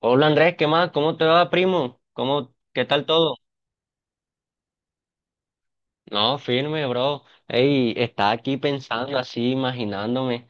Hola Andrés, ¿qué más? ¿Cómo te va, primo? ¿Cómo, qué tal todo? No, firme, bro. Ey, estaba aquí pensando así, imaginándome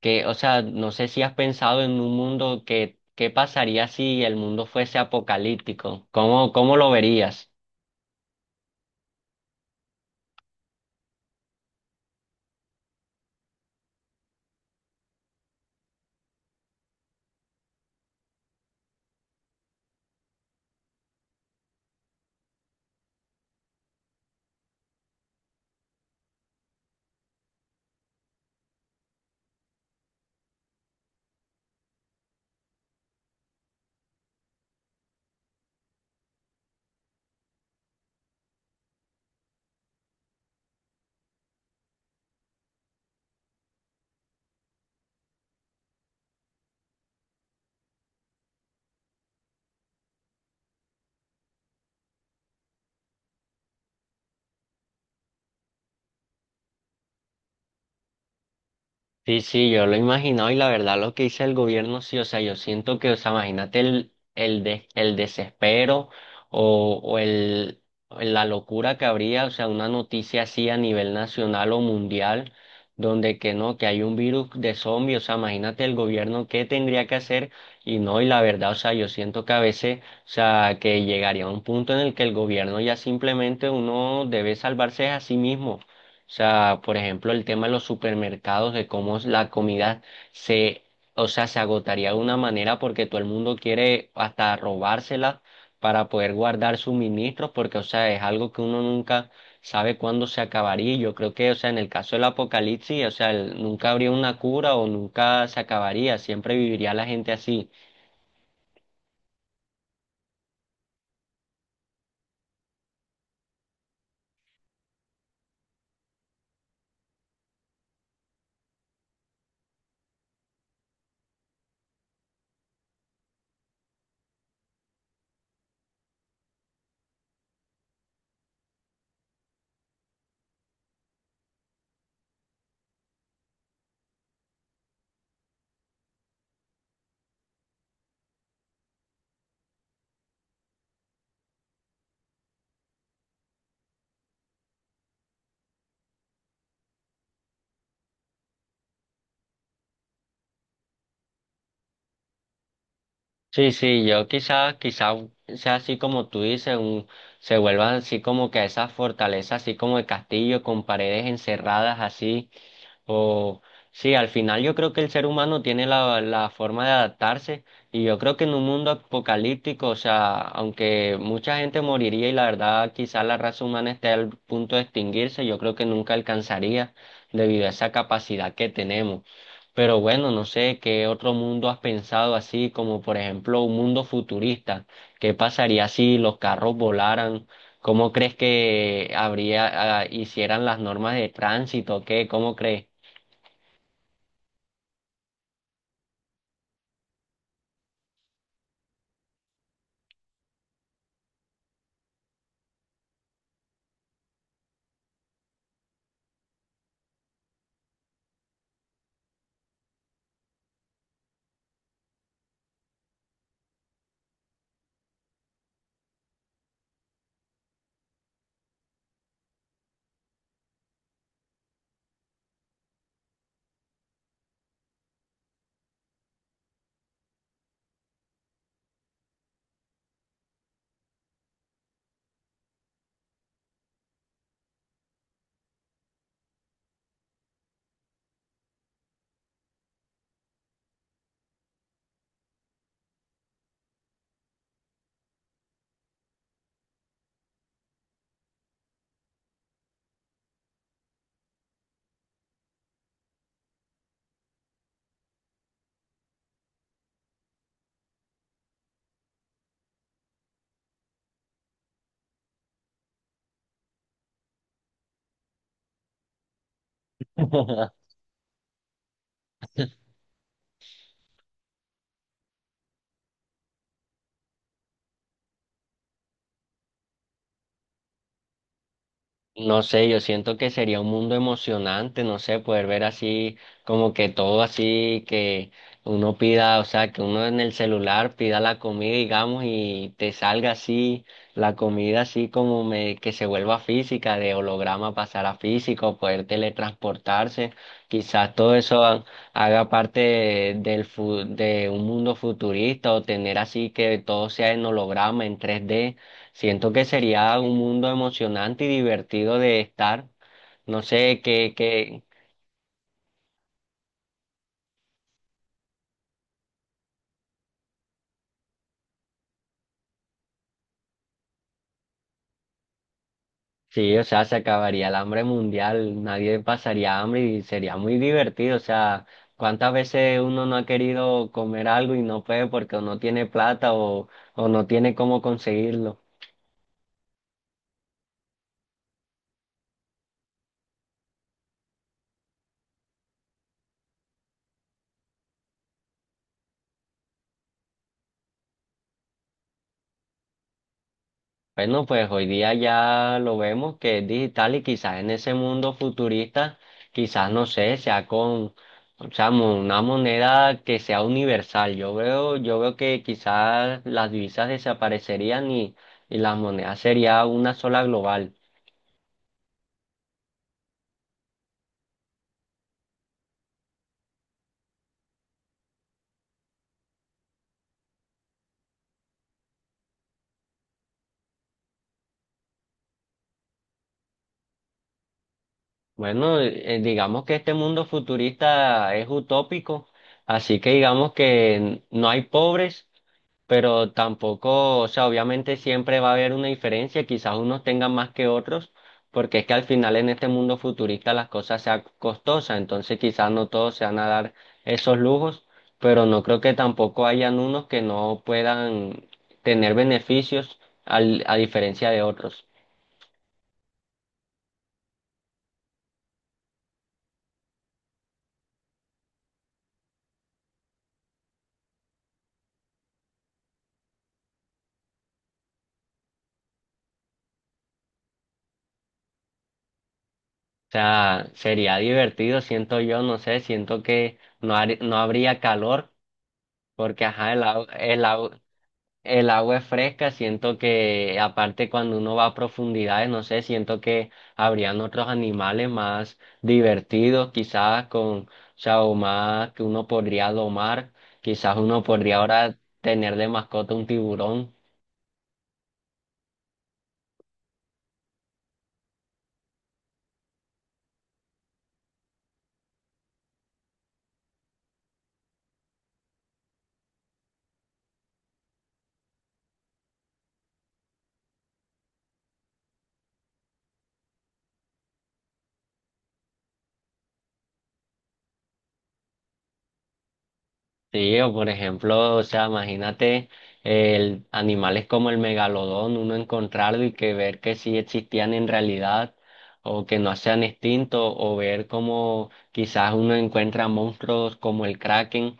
que, o sea, no sé si has pensado en un mundo que, ¿qué pasaría si el mundo fuese apocalíptico? ¿Cómo lo verías? Sí, sí, yo lo he imaginado y la verdad lo que dice el gobierno, sí, o sea, yo siento que, o sea, imagínate el desespero o, o el, la locura que habría, o sea, una noticia así a nivel nacional o mundial, donde que no, que hay un virus de zombies, o sea, imagínate el gobierno qué tendría que hacer y no, y la verdad, o sea, yo siento que a veces, o sea, que llegaría a un punto en el que el gobierno ya simplemente uno debe salvarse a sí mismo. O sea, por ejemplo, el tema de los supermercados, de cómo es la comida se, o sea, se agotaría de una manera porque todo el mundo quiere hasta robársela para poder guardar suministros, porque, o sea, es algo que uno nunca sabe cuándo se acabaría. Yo creo que, o sea, en el caso del apocalipsis, o sea, nunca habría una cura o nunca se acabaría, siempre viviría la gente así. Sí, sí, yo quizás, quizás sea así como tú dices, se vuelvan así como que esas fortalezas, así como el castillo, con paredes encerradas así, o sí, al final yo creo que el ser humano tiene la forma de adaptarse y yo creo que en un mundo apocalíptico, o sea, aunque mucha gente moriría y la verdad quizá la raza humana esté al punto de extinguirse, yo creo que nunca alcanzaría debido a esa capacidad que tenemos. Pero bueno, no sé qué otro mundo has pensado así, como por ejemplo un mundo futurista. ¿Qué pasaría si los carros volaran? ¿Cómo crees que habría, ah, hicieran las normas de tránsito? ¿Qué? ¿Cómo crees? No sé, yo siento que sería un mundo emocionante, no sé, poder ver así, como que todo así, que uno pida, o sea, que uno en el celular pida la comida, digamos, y te salga así, la comida así como que se vuelva física, de holograma pasar a físico, poder teletransportarse, quizás todo eso haga parte de un mundo futurista o tener así que todo sea en holograma, en 3D. Siento que sería un mundo emocionante y divertido de estar. No sé sí, o sea, se acabaría el hambre mundial, nadie pasaría hambre y sería muy divertido. O sea, cuántas veces uno no ha querido comer algo y no puede porque o no tiene plata o no tiene cómo conseguirlo. Bueno, pues hoy día ya lo vemos que es digital y quizás en ese mundo futurista, quizás no sé, sea con, o sea, una moneda que sea universal. Yo veo que quizás las divisas desaparecerían y las monedas sería una sola global. Bueno, digamos que este mundo futurista es utópico, así que digamos que no hay pobres, pero tampoco, o sea, obviamente siempre va a haber una diferencia, quizás unos tengan más que otros, porque es que al final en este mundo futurista las cosas sean costosas, entonces quizás no todos se van a dar esos lujos, pero no creo que tampoco hayan unos que no puedan tener beneficios a diferencia de otros. O sea, sería divertido, siento yo, no sé, siento que no, no habría calor, porque ajá, el agua es fresca, siento que aparte cuando uno va a profundidades, no sé, siento que habrían otros animales más divertidos, quizás con, o sea, o más que uno podría domar, quizás uno podría ahora tener de mascota un tiburón. Sí, o por ejemplo, o sea, imagínate el, animales como el megalodón, uno encontrarlo y que ver que sí existían en realidad o que no sean extintos, o ver como quizás uno encuentra monstruos como el kraken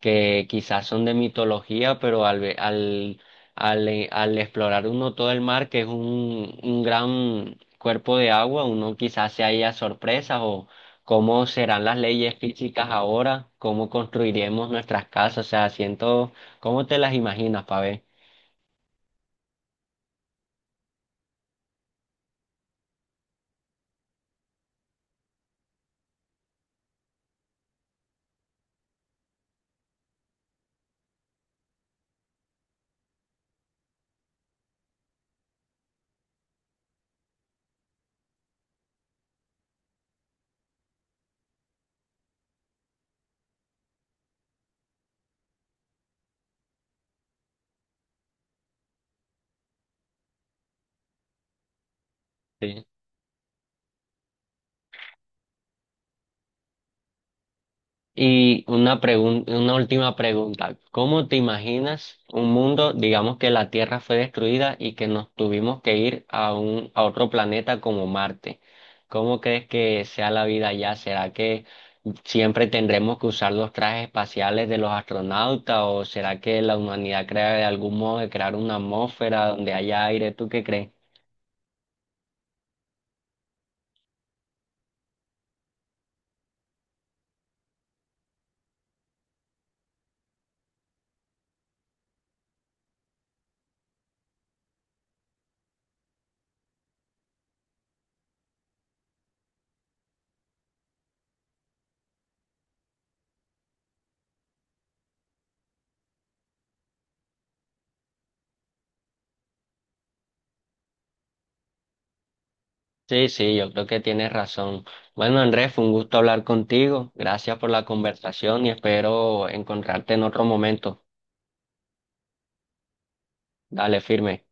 que quizás son de mitología, pero al, ve- al, al, al explorar uno todo el mar, que es un gran cuerpo de agua, uno quizás se haya sorpresas o cómo serán las leyes físicas ahora, cómo construiremos nuestras casas, o sea, siento, ¿cómo te las imaginas, Pabé? Sí. Y una una última pregunta. ¿Cómo te imaginas un mundo, digamos que la Tierra fue destruida y que nos tuvimos que ir a un, a otro planeta como Marte? ¿Cómo crees que sea la vida allá? ¿Será que siempre tendremos que usar los trajes espaciales de los astronautas o será que la humanidad crea de algún modo de crear una atmósfera donde haya aire? ¿Tú qué crees? Sí, sí, yo creo que tienes razón. Bueno, Andrés, fue un gusto hablar contigo. Gracias por la conversación y espero encontrarte en otro momento. Dale, firme.